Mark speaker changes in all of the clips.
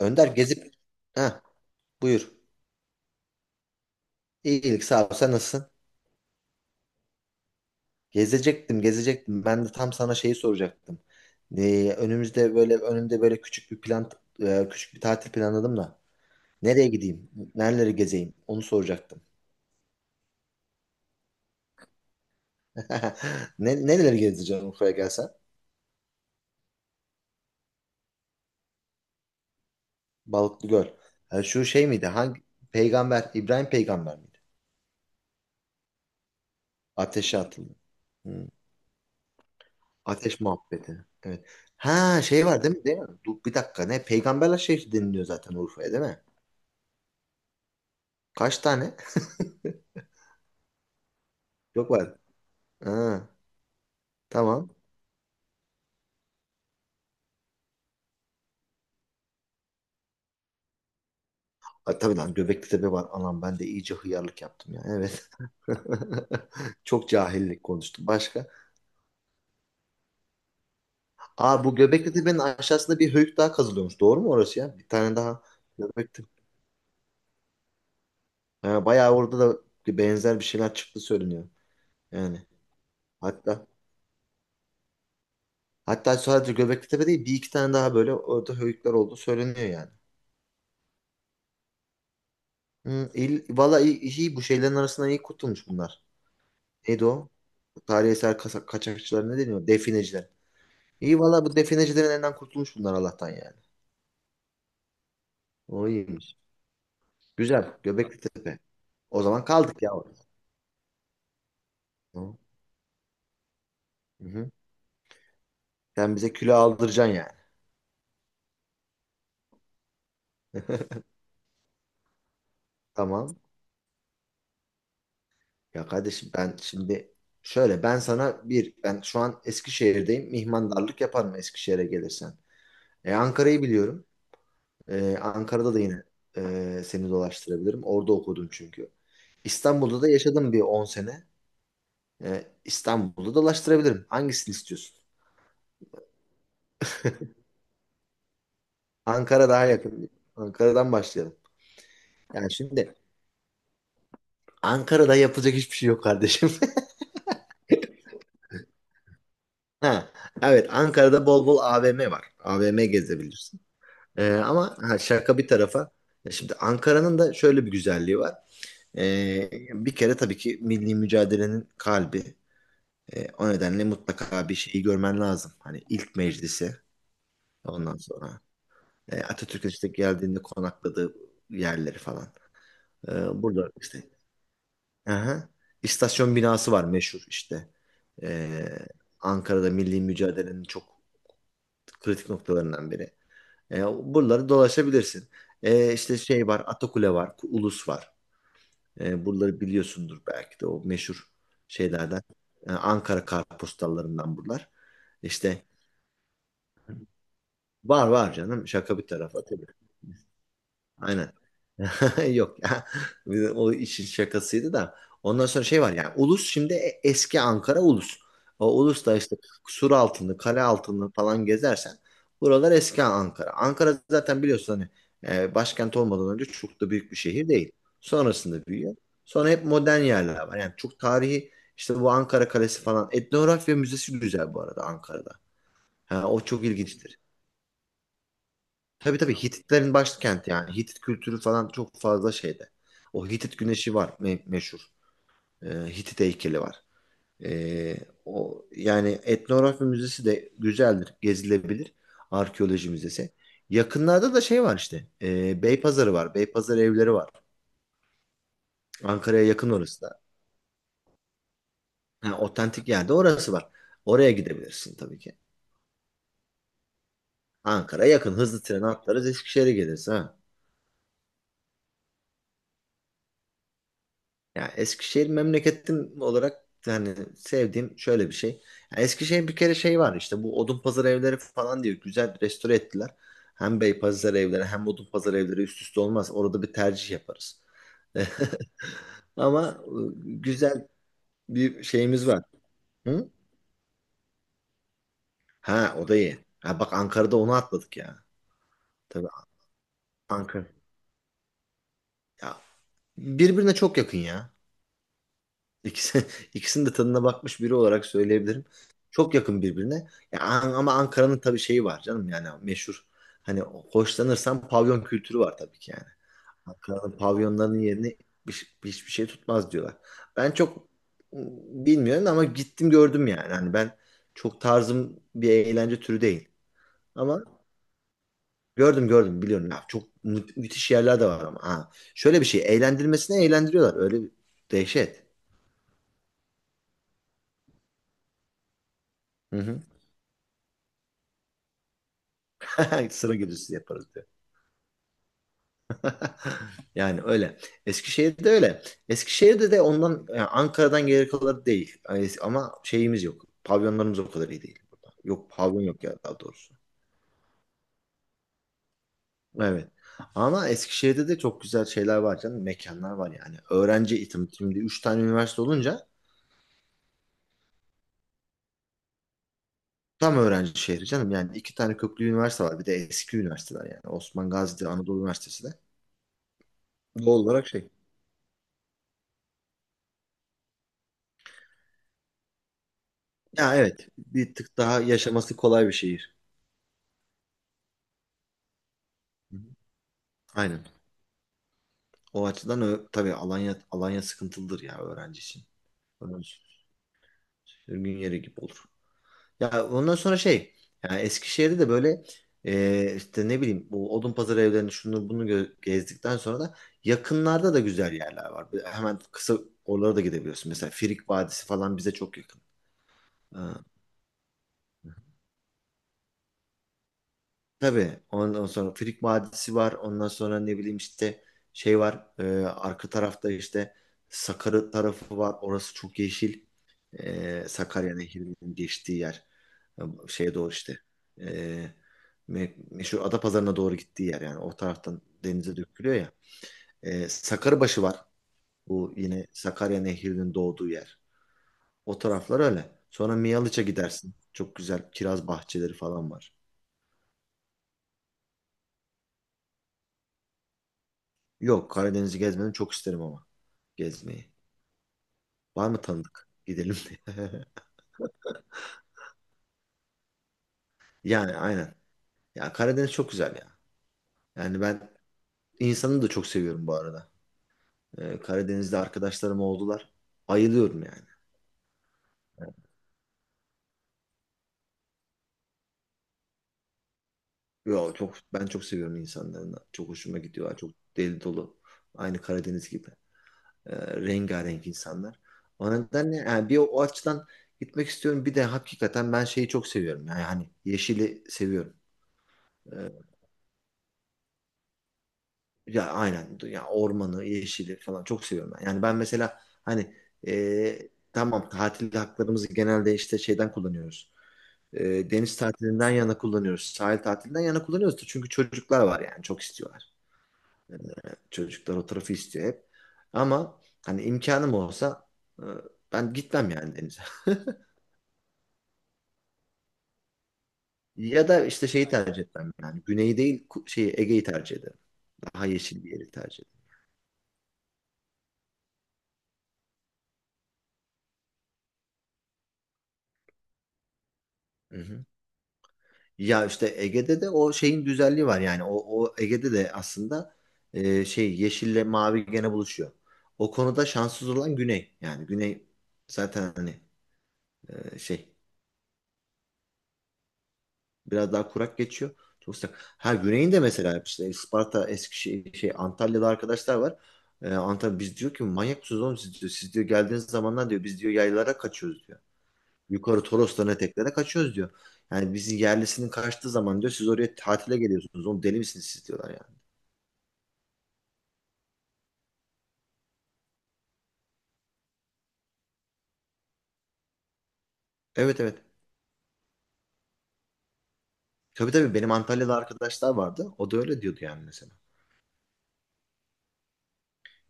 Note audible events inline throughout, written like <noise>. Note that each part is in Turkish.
Speaker 1: Önder gezip ha buyur. İyilik sağ ol. Sen nasılsın? Gezecektim, gezecektim. Ben de tam sana şeyi soracaktım. Önümüzde böyle önümde böyle küçük bir plan, küçük bir tatil planladım da. Nereye gideyim? Nereleri gezeyim? Onu soracaktım. <laughs> Nereleri gezeceğim Urfa'ya gelsen? Balıklı Göl. Ha, şu şey miydi? Hangi peygamber? İbrahim peygamber miydi? Ateşe atıldı. Hmm. Ateş muhabbeti. Evet. Ha şey var değil mi? Değil mi? Dur, bir dakika ne? Peygamberler şehri deniliyor zaten Urfa'ya değil mi? Kaç tane? Çok var. Ha, tamam. Ha, tabii lan Göbekli Tepe var. Anam ben de iyice hıyarlık yaptım ya. Evet. <laughs> Çok cahillik konuştum. Başka? Aa, bu Göbekli Tepe'nin aşağısında bir höyük daha kazılıyormuş. Doğru mu orası ya? Bir tane daha Göbekli ha, bayağı orada da benzer bir şeyler çıktı söyleniyor. Yani hatta hatta sadece Göbekli Tepe değil bir iki tane daha böyle orada höyükler oldu söyleniyor yani. Hı, valla iyi, iyi bu şeylerin arasından iyi kurtulmuş bunlar. Neydi o? Tarihi eser kaçakçılar ne deniyor? Defineciler. İyi valla bu definecilerin elinden kurtulmuş bunlar Allah'tan yani. O iyiymiş. Güzel. Göbekli Tepe. O zaman kaldık ya, orada. Hı hı. Sen bize külah aldıracaksın yani. Tamam. Ya kardeşim ben şimdi şöyle, ben sana bir, ben şu an Eskişehir'deyim. Mihmandarlık yaparım Eskişehir'e gelirsen. Ankara'yı biliyorum. Ankara'da da yine seni dolaştırabilirim. Orada okudum çünkü. İstanbul'da da yaşadım bir 10 sene. İstanbul'da dolaştırabilirim. Hangisini istiyorsun? Ankara daha yakın. Ankara'dan başlayalım. Yani şimdi Ankara'da yapılacak hiçbir şey yok kardeşim. <laughs> Ha, evet Ankara'da bol bol AVM var. AVM gezebilirsin. Ama ha, şaka bir tarafa. Ya şimdi Ankara'nın da şöyle bir güzelliği var. Bir kere tabii ki milli mücadelenin kalbi. O nedenle mutlaka bir şeyi görmen lazım. Hani ilk meclisi, ondan sonra Atatürk'ün işte geldiğinde konakladığı yerleri falan. Burada işte. Aha. İstasyon binası var, meşhur işte. Ee, Ankara'da milli mücadelenin çok kritik noktalarından biri. Buraları dolaşabilirsin. İşte şey var, Atakule var, Ulus var. Buraları biliyorsundur belki de, o meşhur şeylerden. Ankara kartpostallarından buralar. İşte var var canım, şaka bir tarafa, tabii. Aynen. <laughs> Yok ya. Bir de o işin şakasıydı da. Ondan sonra şey var yani Ulus, şimdi eski Ankara Ulus. O Ulus da işte sur altını, kale altını falan gezersen, buralar eski Ankara. Ankara zaten biliyorsun hani başkent olmadan önce çok da büyük bir şehir değil. Sonrasında büyüyor. Sonra hep modern yerler var. Yani çok tarihi işte, bu Ankara Kalesi falan. Etnografya Müzesi güzel bu arada Ankara'da. Ha, o çok ilginçtir. Tabii tabii Hititlerin başkenti yani. Hitit kültürü falan çok fazla şeyde. O Hitit güneşi var, meşhur. Ee, Hitit heykeli var. Ee, O yani etnografya müzesi de güzeldir, gezilebilir. Arkeoloji müzesi. Yakınlarda da şey var işte. Beypazarı var. Beypazarı evleri var. Ankara'ya yakın orası da. Ha, otantik yerde orası var. Oraya gidebilirsin tabii ki. Ankara'ya yakın. Hızlı tren atlarız Eskişehir'e geliriz ha. Ya Eskişehir memleketim olarak yani sevdiğim şöyle bir şey. Ya Eskişehir bir kere şey var işte, bu Odunpazarı evleri falan diye güzel restore ettiler. Hem Beypazarı evleri hem Odunpazarı evleri üst üste olmaz. Orada bir tercih yaparız. <laughs> Ama güzel bir şeyimiz var. Hı? Ha, o da iyi. Ha bak, Ankara'da onu atladık ya. Tabii Ankara. Ya, birbirine çok yakın ya. İkisi, <laughs> ikisinin de tadına bakmış biri olarak söyleyebilirim. Çok yakın birbirine. Ya, ama Ankara'nın tabii şeyi var canım, yani meşhur. Hani hoşlanırsan pavyon kültürü var tabii ki yani. Ankara'nın pavyonlarının yerini hiçbir şey tutmaz diyorlar. Ben çok bilmiyorum ama gittim gördüm yani. Hani ben çok, tarzım bir eğlence türü değil. Ama gördüm gördüm, biliyorum ya. Çok müthiş yerler de var ama. Ha. Şöyle bir şey, eğlendirmesine eğlendiriyorlar. Öyle bir dehşet. Hı hı. <laughs> Sıra gecesi yaparız. <laughs> Yani öyle. Eskişehir'de öyle. Eskişehir'de de ondan yani, Ankara'dan geri kalanı değil. Yani ama şeyimiz yok. Pavyonlarımız o kadar iyi değil burada. Yok pavyon, yok ya daha doğrusu. Evet. Ama Eskişehir'de de çok güzel şeyler var canım. Mekanlar var yani. Öğrenci eğitim. Şimdi 3 tane üniversite olunca tam öğrenci şehri canım. Yani 2 tane köklü üniversite var. Bir de eski üniversiteler yani. Osman Gazi'de Anadolu Üniversitesi de. Doğal olarak şey. Ya evet. Bir tık daha yaşaması kolay bir şehir. Hı hı. Aynen. O açıdan tabii Alanya, Alanya sıkıntılıdır ya öğrenci için. Öğrenci sürgün yeri gibi olur. Ya ondan sonra şey yani Eskişehir'de de böyle işte ne bileyim, bu Odunpazarı evlerini şunu bunu gezdikten sonra da yakınlarda da güzel yerler var. Hemen kısa oralara da gidebiliyorsun. Mesela Frig Vadisi falan bize çok yakın. Tabii ondan sonra Frig Vadisi var. Ondan sonra ne bileyim işte, şey var. Arka tarafta işte Sakarya tarafı var. Orası çok yeşil. Sakarya Nehri'nin geçtiği yer. E, Şeye doğru işte. E, Meşhur Adapazarı'na doğru gittiği yer yani. O taraftan denize dökülüyor ya. Sakarbaşı var. Bu yine Sakarya Nehri'nin doğduğu yer. O taraflar öyle. Sonra Miyalıç'a gidersin. Çok güzel kiraz bahçeleri falan var. Yok, Karadeniz'i gezmedim, çok isterim ama gezmeyi. Var mı tanıdık? Gidelim diye. <laughs> Yani aynen. Ya Karadeniz çok güzel ya. Yani ben insanı da çok seviyorum bu arada. Karadeniz'de arkadaşlarım oldular. Ayılıyorum yani. Yo, çok, ben çok seviyorum insanlarını. Çok hoşuma gidiyorlar. Çok deli dolu. Aynı Karadeniz gibi. Ee, Rengarenk insanlar. O nedenle yani bir o açıdan gitmek istiyorum. Bir de hakikaten ben şeyi çok seviyorum. Yani hani yeşili seviyorum. Ee, Ya aynen ya, ormanı, yeşili falan çok seviyorum ben. Yani ben mesela hani e, tamam, tatil haklarımızı genelde işte şeyden kullanıyoruz. Deniz tatilinden yana kullanıyoruz. Sahil tatilinden yana kullanıyoruz da, çünkü çocuklar var yani, çok istiyorlar. E, Çocuklar o tarafı istiyor hep. Ama hani imkanım olsa e, ben gitmem yani denize. <laughs> Ya da işte şeyi tercih etmem yani. Güneyi değil, şeyi Ege'yi tercih ederim. Daha yeşil bir yeri tercih ederim. Ya işte Ege'de de o şeyin güzelliği var yani, o Ege'de de aslında şey, yeşille mavi gene buluşuyor. O konuda şanssız olan Güney, yani Güney zaten hani şey, biraz daha kurak geçiyor. Çok sıcak. Ha, Güney'in de mesela işte Isparta, Eskişehir, şey Antalya'da arkadaşlar var. Antalya biz diyor ki, manyak mısınız oğlum siz diyor. Siz diyor geldiğiniz zamanlar diyor, biz diyor yaylara kaçıyoruz diyor. Yukarı Torosların eteklere kaçıyoruz diyor. Yani bizi yerlisinin kaçtığı zaman diyor, siz oraya tatile geliyorsunuz. Oğlum deli misiniz siz diyorlar yani. Evet evet. Tabii tabii benim Antalya'da arkadaşlar vardı. O da öyle diyordu yani mesela.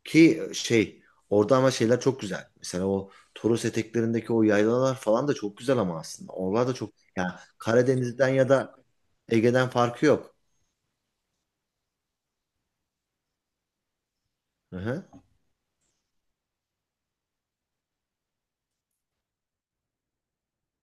Speaker 1: Ki şey, orada ama şeyler çok güzel. Mesela o Toros eteklerindeki o yaylalar falan da çok güzel ama aslında. Oralar da çok, yani Karadeniz'den ya da Ege'den farkı yok. Hı hı.